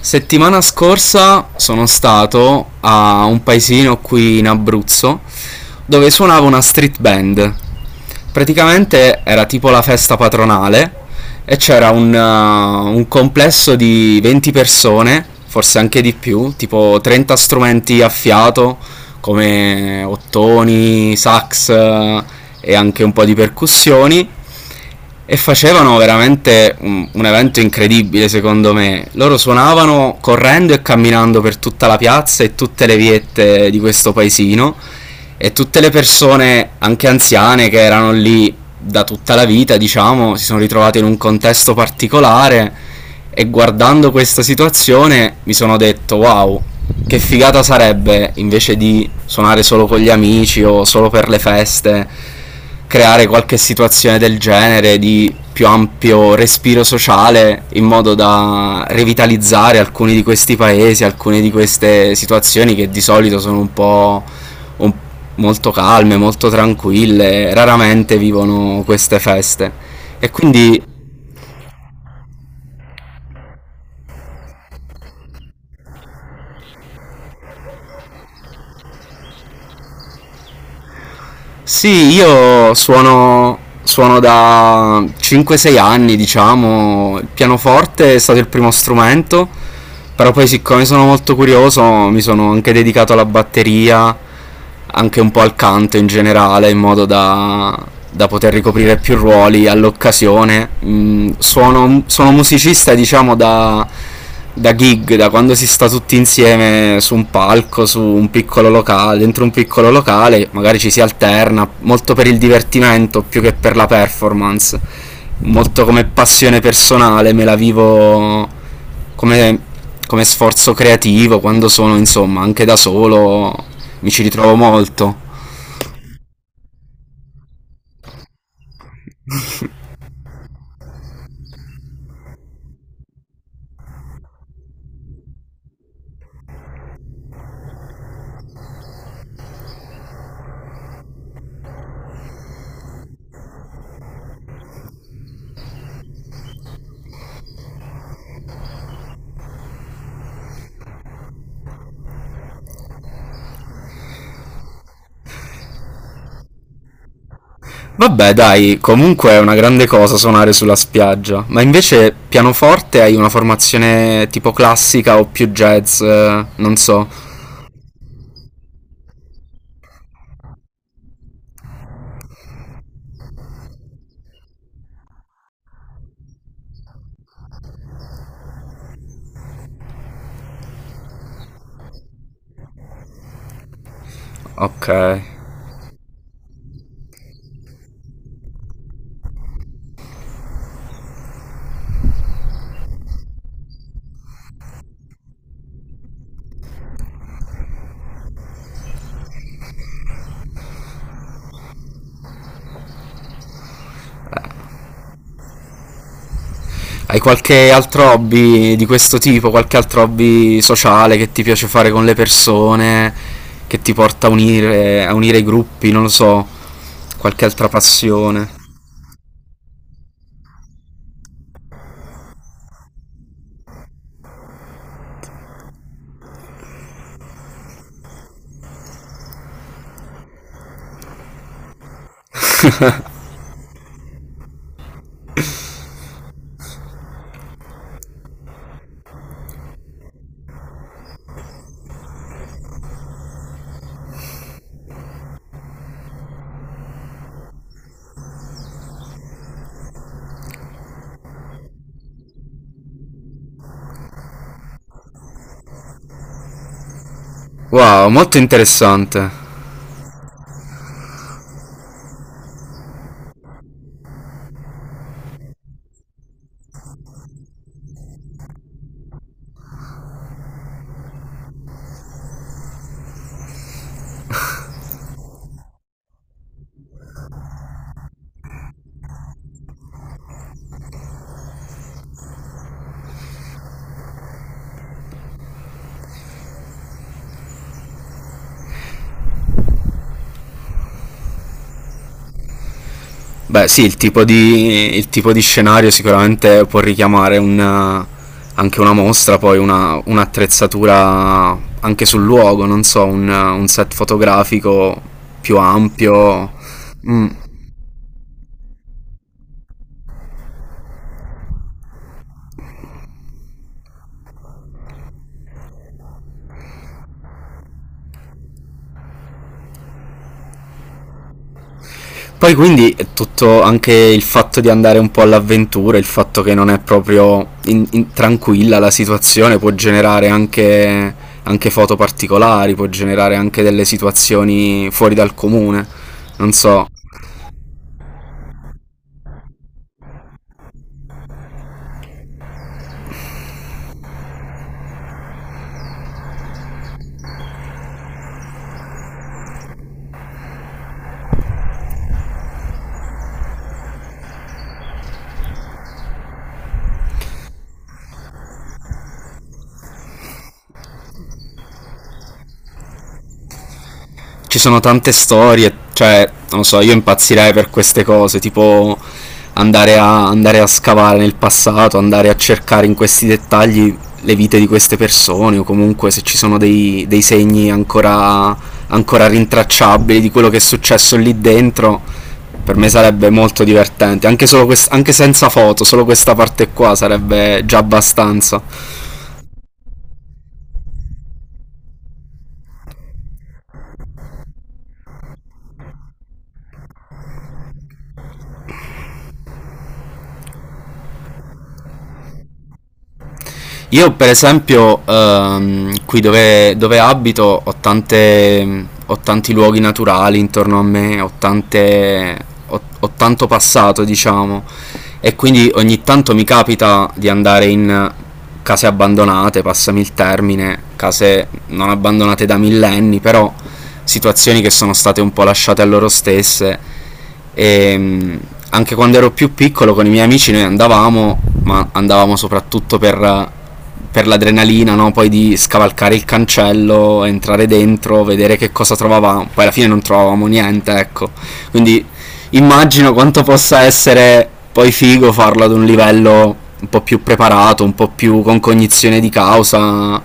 Settimana scorsa sono stato a un paesino qui in Abruzzo dove suonava una street band. Praticamente era tipo la festa patronale e c'era un complesso di 20 persone, forse anche di più, tipo 30 strumenti a fiato come ottoni, sax, e anche un po' di percussioni e facevano veramente un evento incredibile secondo me. Loro suonavano correndo e camminando per tutta la piazza e tutte le viette di questo paesino e tutte le persone, anche anziane, che erano lì da tutta la vita, diciamo, si sono ritrovate in un contesto particolare e guardando questa situazione mi sono detto wow, che figata sarebbe invece di suonare solo con gli amici o solo per le feste creare qualche situazione del genere di più ampio respiro sociale in modo da revitalizzare alcuni di questi paesi, alcune di queste situazioni che di solito sono un po' un- molto calme, molto tranquille, raramente vivono queste feste. E quindi. Sì, io suono da 5-6 anni, diciamo. Il pianoforte è stato il primo strumento, però poi siccome sono molto curioso mi sono anche dedicato alla batteria, anche un po' al canto in generale, in modo da poter ricoprire più ruoli all'occasione. Sono musicista, diciamo, da gig, da quando si sta tutti insieme su un palco, su un piccolo locale, dentro un piccolo locale, magari ci si alterna molto per il divertimento più che per la performance, molto come passione personale, me la vivo come, come sforzo creativo quando sono insomma anche da solo, mi ci ritrovo molto. Vabbè, dai, comunque è una grande cosa suonare sulla spiaggia. Ma invece pianoforte hai una formazione tipo classica o più jazz? Non so. Ok. Hai qualche altro hobby di questo tipo? Qualche altro hobby sociale che ti piace fare con le persone? Che ti porta a unire i gruppi? Non lo so. Qualche altra passione? Wow, molto interessante. Beh, sì, il tipo di scenario sicuramente può richiamare anche una mostra, poi un'attrezzatura anche sul luogo, non so, un set fotografico più ampio. Mm. Poi quindi è tutto anche il fatto di andare un po' all'avventura, il fatto che non è proprio tranquilla la situazione può generare anche foto particolari, può generare anche delle situazioni fuori dal comune. Non so, ci sono, tante storie, cioè, non so, io impazzirei per queste cose, tipo andare a scavare nel passato, andare a cercare in questi dettagli le vite di queste persone o comunque se ci sono dei segni ancora rintracciabili di quello che è successo lì dentro, per me sarebbe molto divertente, anche, solo anche senza foto, solo questa parte qua sarebbe già abbastanza. Io per esempio qui dove abito ho tanti luoghi naturali intorno a me, ho tanto passato diciamo e quindi ogni tanto mi capita di andare in case abbandonate, passami il termine, case non abbandonate da millenni però situazioni che sono state un po' lasciate a loro stesse e, anche quando ero più piccolo con i miei amici noi andavamo, ma andavamo soprattutto per l'adrenalina, no? Poi di scavalcare il cancello, entrare dentro, vedere che cosa trovavamo, poi alla fine non trovavamo niente, ecco. Quindi immagino quanto possa essere poi figo farlo ad un livello un po' più preparato, un po' più con cognizione di causa.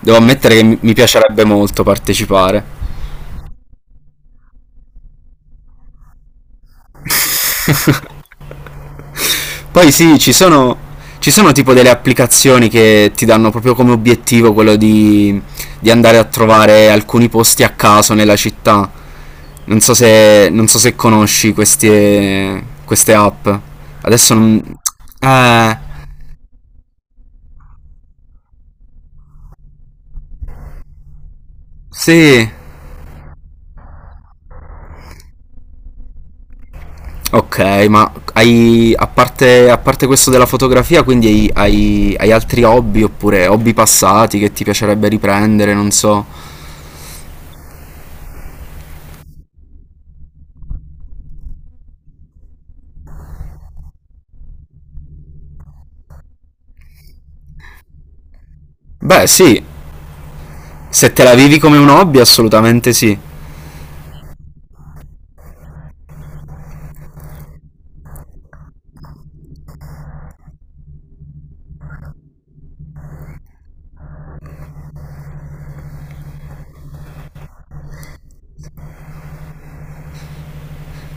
Devo ammettere che mi piacerebbe molto partecipare. Poi sì, ci sono tipo delle applicazioni che ti danno proprio come obiettivo quello di andare a trovare alcuni posti a caso nella città. Non so se conosci queste app. Adesso non. Eh, sì. Ok, ma hai, a parte questo della fotografia, quindi hai altri hobby oppure hobby passati che ti piacerebbe riprendere, non so. Beh, sì, se te la vivi come un hobby, assolutamente sì.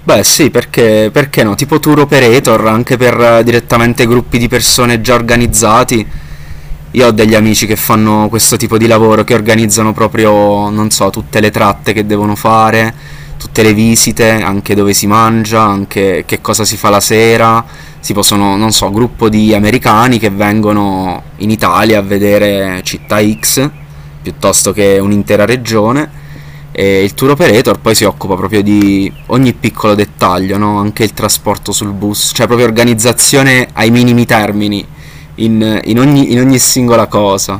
Beh, sì, perché, perché no? Tipo tour operator, anche per direttamente gruppi di persone già organizzati. Io ho degli amici che fanno questo tipo di lavoro, che organizzano proprio, non so, tutte le tratte che devono fare, tutte le visite, anche dove si mangia, anche che cosa si fa la sera. Tipo sono, non so, gruppo di americani che vengono in Italia a vedere città X piuttosto che un'intera regione. E il tour operator poi si occupa proprio di ogni piccolo dettaglio, no? Anche il trasporto sul bus, cioè proprio organizzazione ai minimi termini in ogni singola cosa.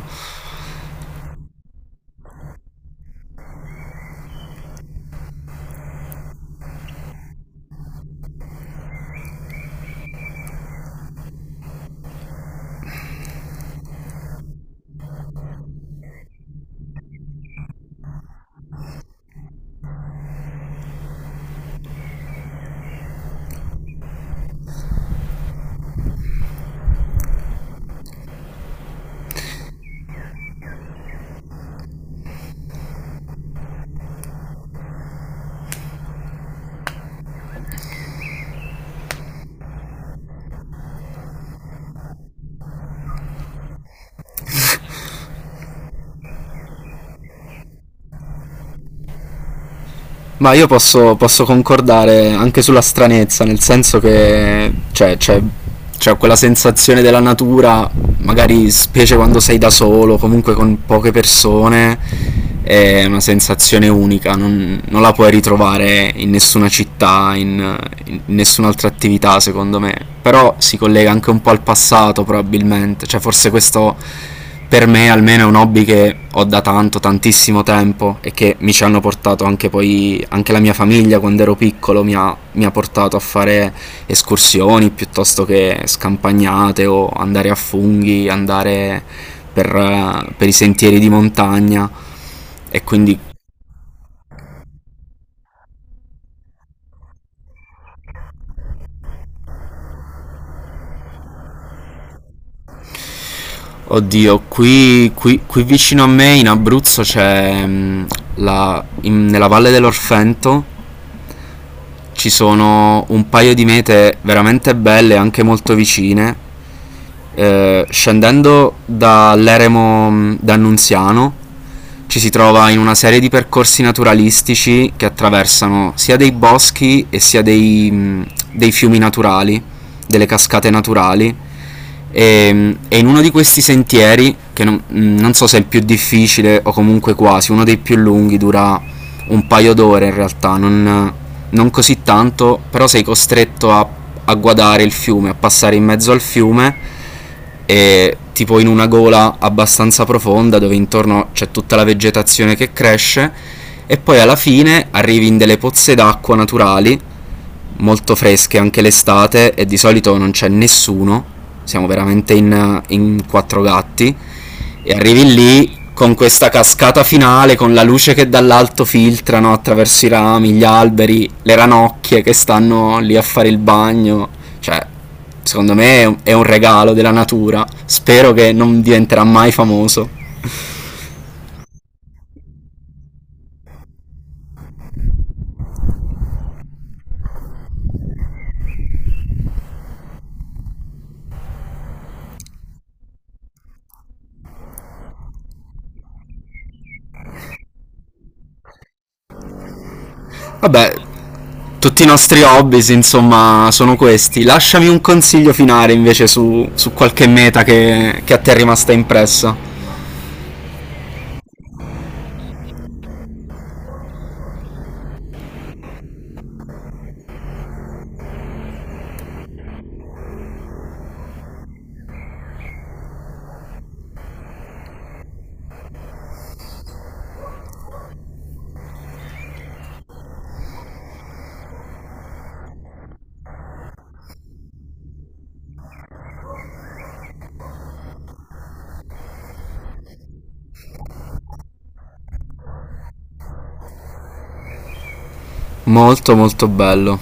Ma io posso concordare anche sulla stranezza, nel senso che cioè, c'è, quella sensazione della natura magari specie quando sei da solo, comunque con poche persone, è una sensazione unica, non la puoi ritrovare in nessuna città, in nessun'altra attività secondo me, però si collega anche un po' al passato probabilmente, cioè forse questo per me almeno è un hobby che ho da tanto, tantissimo tempo e che mi ci hanno portato anche poi, anche la mia famiglia quando ero piccolo mi ha portato a fare escursioni piuttosto che scampagnate o andare a funghi, andare per i sentieri di montagna e quindi oddio qui vicino a me in Abruzzo c'è nella valle dell'Orfento ci sono un paio di mete veramente belle, anche molto vicine. Scendendo dall'eremo d'Annunziano ci si trova in una serie di percorsi naturalistici che attraversano sia dei boschi e sia dei fiumi naturali, delle cascate naturali. E in uno di questi sentieri, che non so se è il più difficile o comunque quasi, uno dei più lunghi, dura un paio d'ore in realtà, non, così tanto, però sei costretto a guadare il fiume, a passare in mezzo al fiume e tipo in una gola abbastanza profonda dove intorno c'è tutta la vegetazione che cresce e poi alla fine arrivi in delle pozze d'acqua naturali molto fresche anche l'estate e di solito non c'è nessuno, siamo veramente in quattro gatti e arrivi lì con questa cascata finale, con la luce che dall'alto filtrano attraverso i rami, gli alberi, le ranocchie che stanno lì a fare il bagno. Cioè, secondo me è un regalo della natura. Spero che non diventerà mai famoso. Vabbè, tutti i nostri hobby, insomma, sono questi. Lasciami un consiglio finale invece su, qualche meta che a te è rimasta impressa. Molto molto bello.